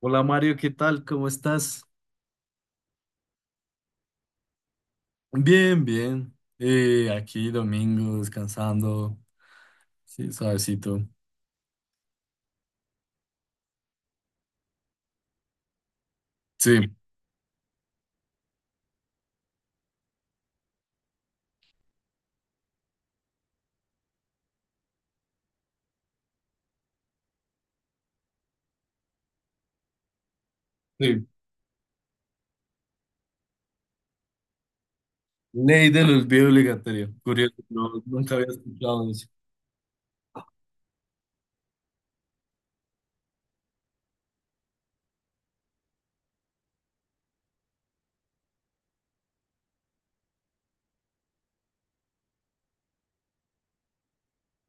Hola Mario, ¿qué tal? ¿Cómo estás? Bien, bien. Aquí domingo, descansando. Sí, suavecito. Sí, sí. Ley del olvido obligatorio. Curioso, no, nunca había escuchado eso.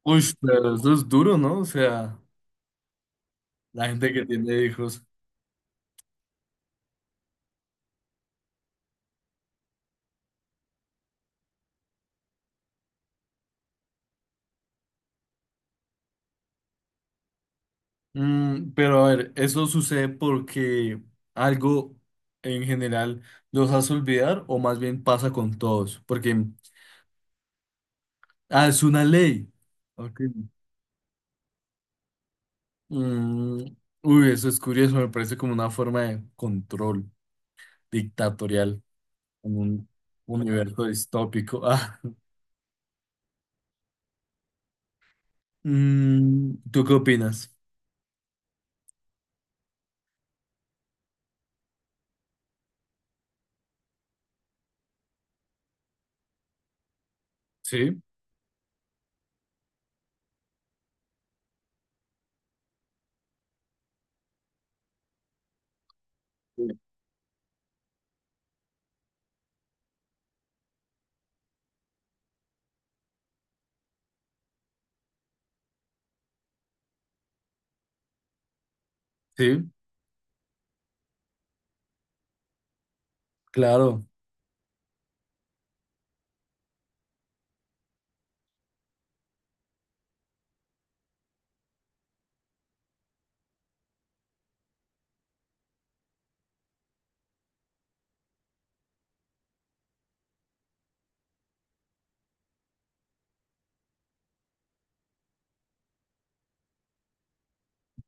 Uy, pero eso es duro, ¿no? O sea, la gente que tiene hijos. Pero a ver, ¿eso sucede porque algo en general los hace olvidar o más bien pasa con todos? Porque, es una ley. Ok. Mm, uy, eso es curioso, me parece como una forma de control dictatorial en un universo distópico. Ah, ¿tú qué opinas? Sí, sí, claro.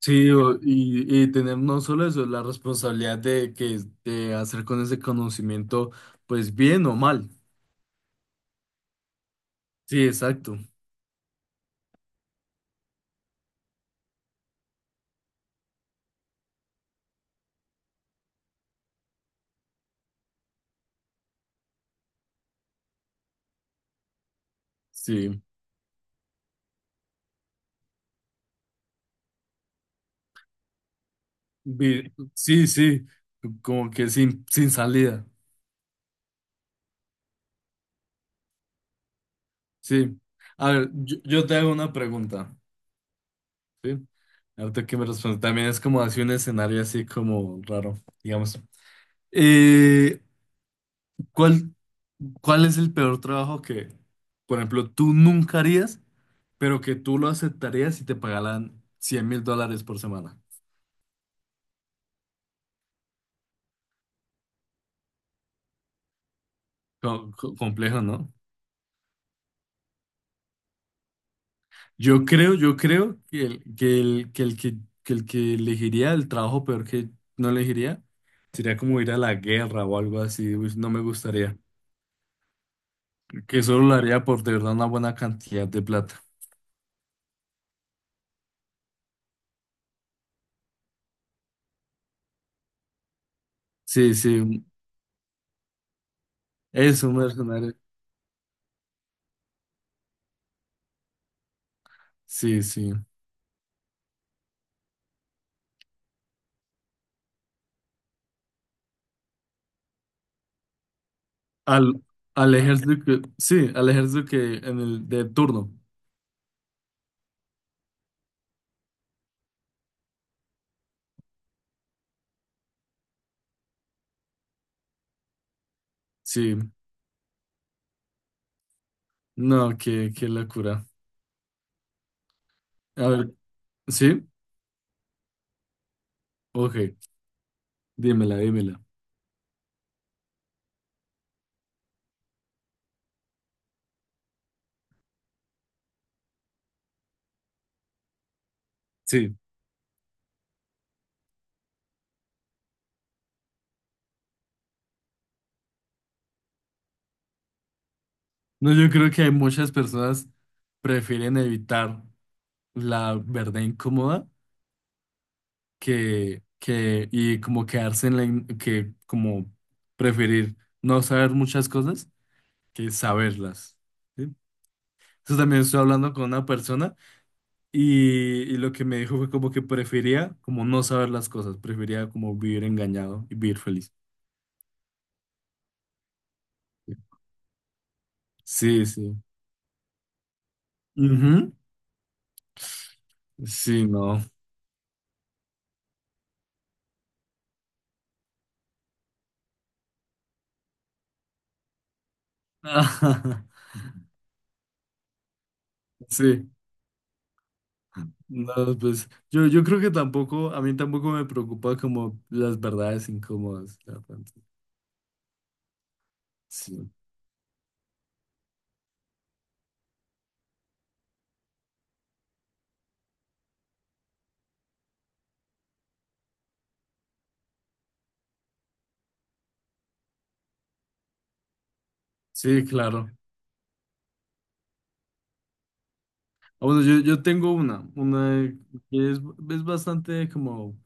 Sí, y tener no solo eso, la responsabilidad de que de hacer con ese conocimiento, pues bien o mal. Sí, exacto. Sí. Sí, sí. Como que sin salida. Sí. A ver, yo te hago una pregunta. Sí. Ahorita que me responde, también es como así un escenario así como raro, digamos. Eh, ¿cuál, cuál es el peor trabajo que, por ejemplo, tú nunca harías, pero que tú lo aceptarías si te pagaran $100,000 por semana? Complejo, ¿no? Yo creo que el que, el, que el que elegiría el trabajo peor que no elegiría sería como ir a la guerra o algo así. Uy, no me gustaría. Que solo lo haría por de verdad una buena cantidad de plata. Sí, sí, es un mercenario. Sí, sí. Al, al ejército que, sí, al ejército que en el de turno. Sí. No, qué locura. A ver, sí, ok, dímela, dímela. Sí. No, yo creo que hay muchas personas prefieren evitar la verdad incómoda que y como quedarse en la, que como preferir no saber muchas cosas que saberlas. ¿Sí? Entonces también estoy hablando con una persona. Y lo que me dijo fue como que prefería como no saber las cosas, prefería como vivir engañado y vivir feliz. Sí, sí. Ujú. Sí, no. Sí, no, pues yo creo que tampoco, a mí tampoco me preocupa como las verdades incómodas. La verdad. Sí, sí, claro. Ah, bueno, yo tengo una que es bastante como,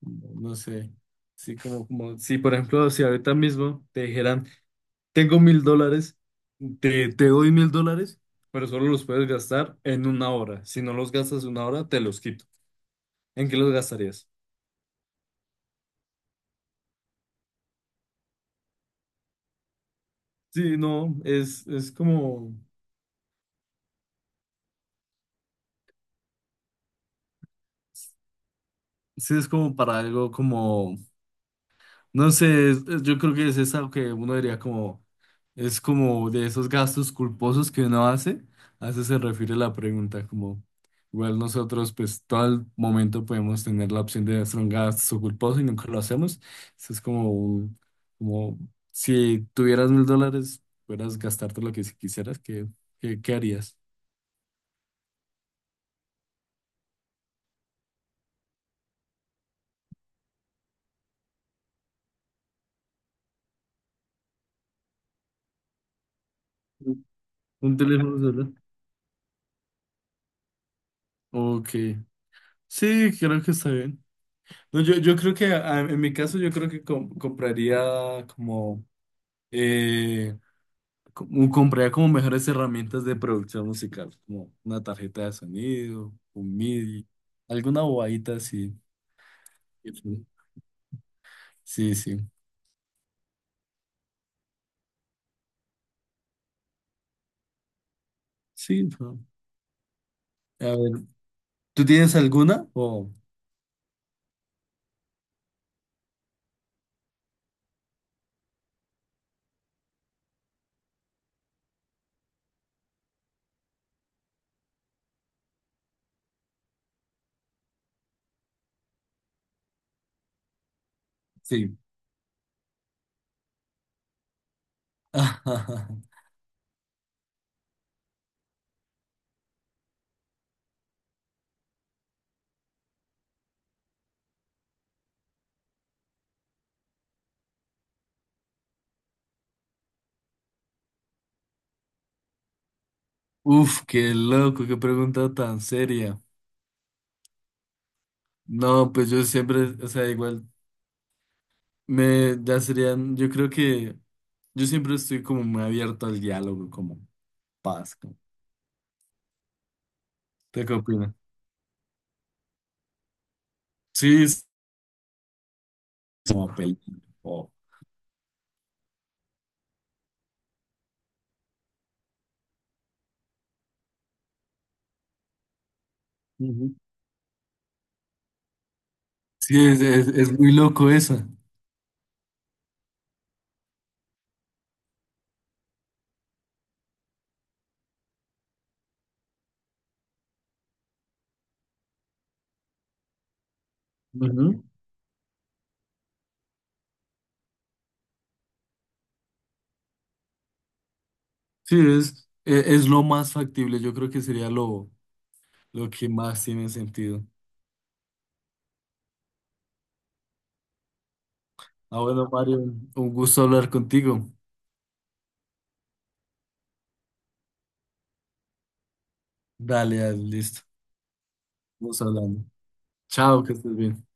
como, no sé, sí, como, como, sí, por ejemplo, si ahorita mismo te dijeran, tengo $1,000, te doy $1,000, pero solo los puedes gastar en una hora. Si no los gastas en una hora, te los quito. ¿En qué los gastarías? Sí, no, es como, sí, es como para algo como. No sé, yo creo que es eso que uno diría como, es como de esos gastos culposos que uno hace, a eso se refiere la pregunta, como igual nosotros pues todo el momento podemos tener la opción de hacer un gasto culposo y nunca lo hacemos, eso es como, como si tuvieras $1,000, pudieras gastarte lo que si quisieras, ¿qué harías? Un teléfono celular. Ok, sí, creo que está bien. No, yo creo que en mi caso yo creo que compraría como eh, compraría como mejores herramientas de producción musical, como una tarjeta de sonido, un MIDI, alguna bobadita así. Sí, sí. Sí, no. A ver, ¿tú tienes alguna? O sí. Uf, qué loco, qué pregunta tan seria. No, pues yo siempre, o sea, igual me, ya serían, yo creo que yo siempre estoy como muy abierto al diálogo, como paz. ¿Usted qué opinas? Sí, es como película. o- Ujú. Sí, es muy loco esa. Ujú. Sí, es, es lo más factible. Yo creo que sería lo que más tiene sentido. Ah, bueno, Mario, un gusto hablar contigo. Dale, dale, listo. Vamos hablando. Chao, que estés bien.